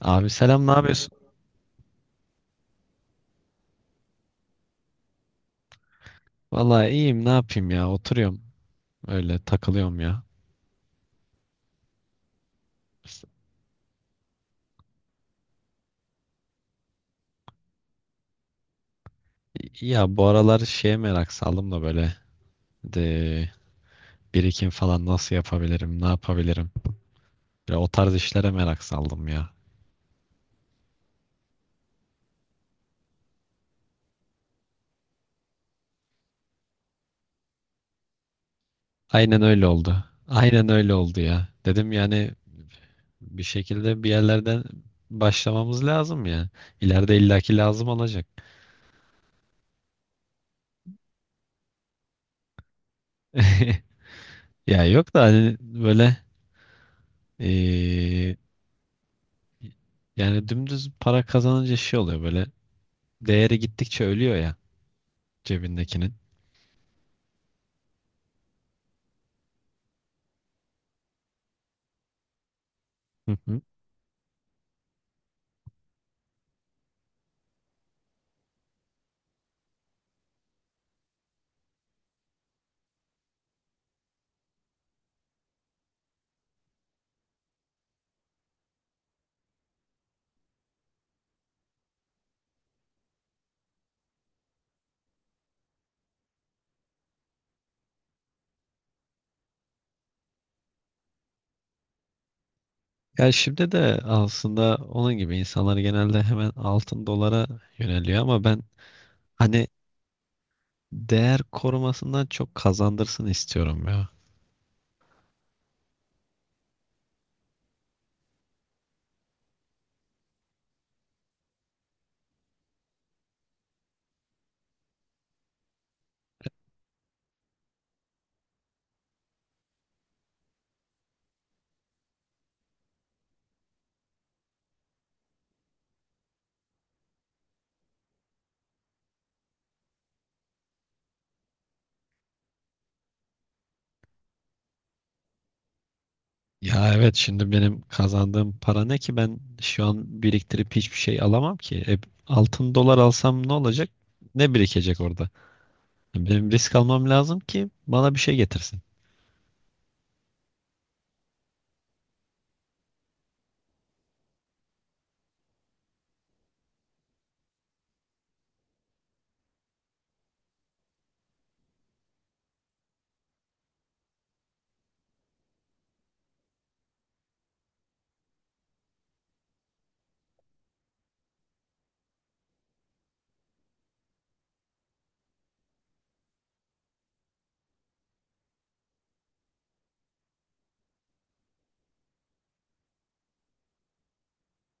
Abi selam, ne yapıyorsun? Vallahi iyiyim, ne yapayım ya, oturuyorum, öyle takılıyorum ya. Ya bu aralar şeye merak saldım da böyle de birikim falan nasıl yapabilirim, ne yapabilirim. Böyle o tarz işlere merak saldım ya. Aynen öyle oldu. Aynen öyle oldu ya. Dedim yani bir şekilde bir yerlerden başlamamız lazım ya. İleride illaki lazım olacak. Ya yok da hani böyle eee, yani dümdüz para kazanınca şey oluyor böyle. Değeri gittikçe ölüyor ya, cebindekinin. Hı hı. Ya şimdi de aslında onun gibi insanlar genelde hemen altın dolara yöneliyor, ama ben hani değer korumasından çok kazandırsın istiyorum ya. Ya evet, şimdi benim kazandığım para ne ki, ben şu an biriktirip hiçbir şey alamam ki. E, altın dolar alsam ne olacak? Ne birikecek orada? Benim risk almam lazım ki bana bir şey getirsin.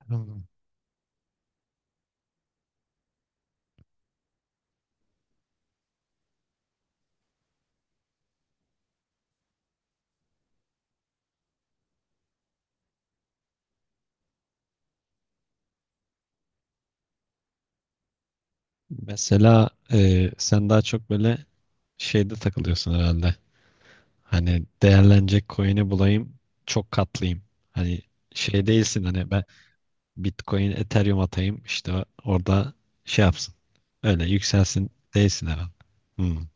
Anladım. Mesela e, sen daha çok böyle şeyde takılıyorsun herhalde. Hani değerlenecek coin'i bulayım, çok katlayayım. Hani şey değilsin hani, ben Bitcoin, Ethereum atayım, işte orada şey yapsın. Öyle yükselsin değilsin herhalde. Hmm.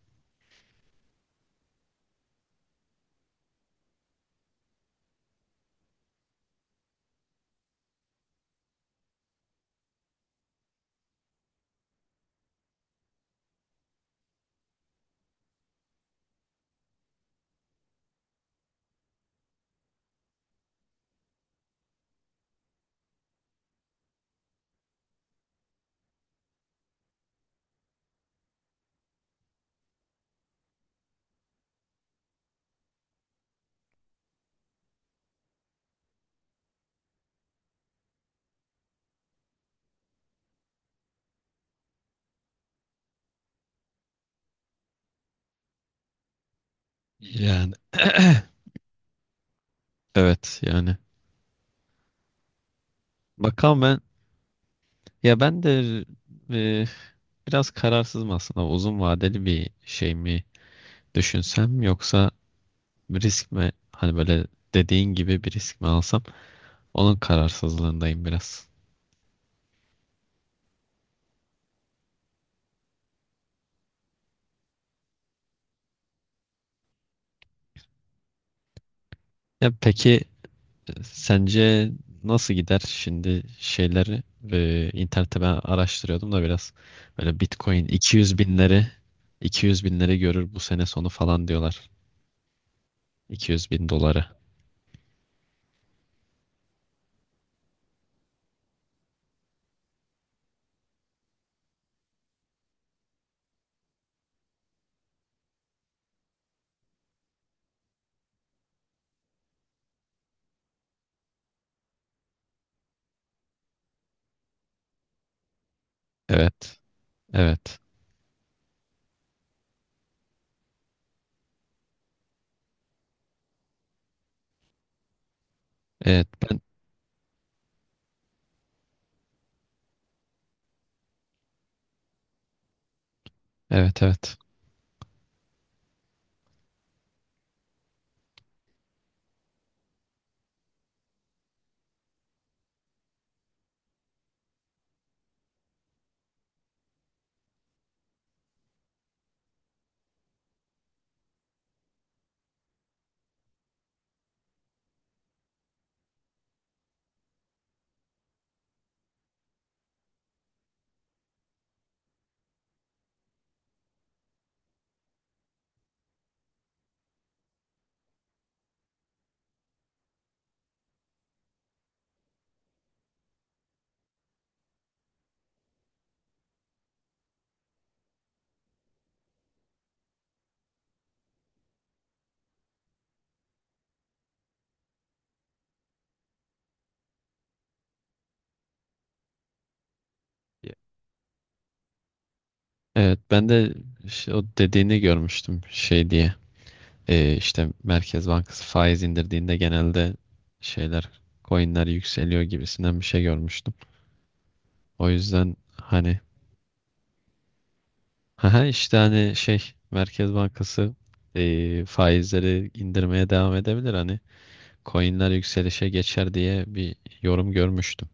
Yani evet yani. Bakalım ben, ya ben de e, biraz kararsızım aslında. Uzun vadeli bir şey mi düşünsem, yoksa bir risk mi, hani böyle dediğin gibi bir risk mi alsam, onun kararsızlığındayım biraz. Ya peki, sence nasıl gider şimdi şeyleri, e, internette ben araştırıyordum da biraz, böyle Bitcoin 200 binleri, 200 binleri görür bu sene sonu falan diyorlar. 200 bin doları. Evet. Evet. Evet. evet evet. Evet ben de işte o dediğini görmüştüm şey diye. E, işte Merkez Bankası faiz indirdiğinde genelde şeyler, coinler yükseliyor gibisinden bir şey görmüştüm. O yüzden hani, aha, işte hani şey Merkez Bankası faizleri indirmeye devam edebilir, hani coinler yükselişe geçer diye bir yorum görmüştüm.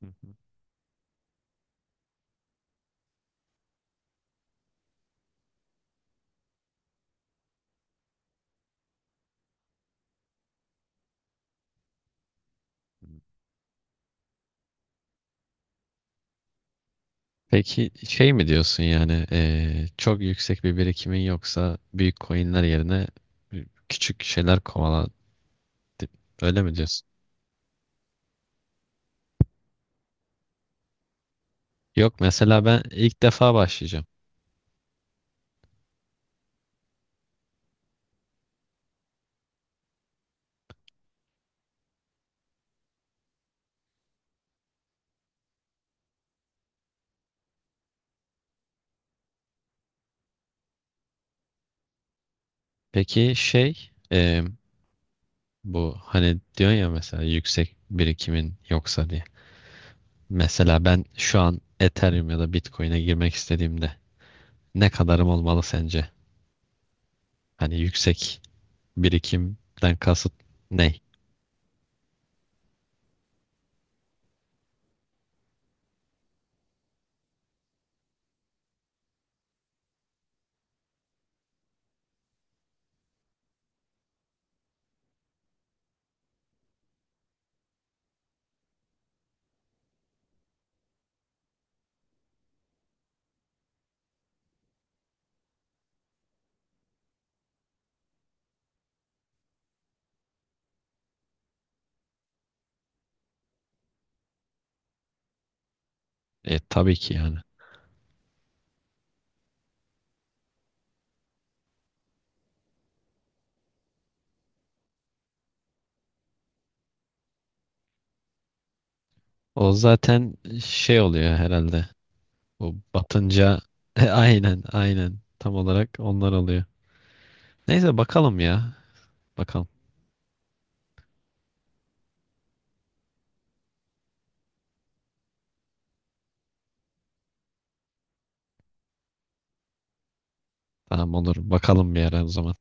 Hı hı. Peki şey mi diyorsun yani, çok yüksek bir birikimin yoksa büyük coinler yerine küçük şeyler kovala, öyle mi diyorsun? Yok, mesela ben ilk defa başlayacağım. Peki şey bu hani diyorsun ya, mesela yüksek birikimin yoksa diye. Mesela ben şu an Ethereum ya da Bitcoin'e girmek istediğimde ne kadarım olmalı sence? Hani yüksek birikimden kasıt ne? E, tabii ki yani. O zaten şey oluyor herhalde. O batınca e, aynen aynen, tam olarak onlar oluyor. Neyse bakalım ya. Bakalım. Tamam, olur. Bakalım bir ara o zaman.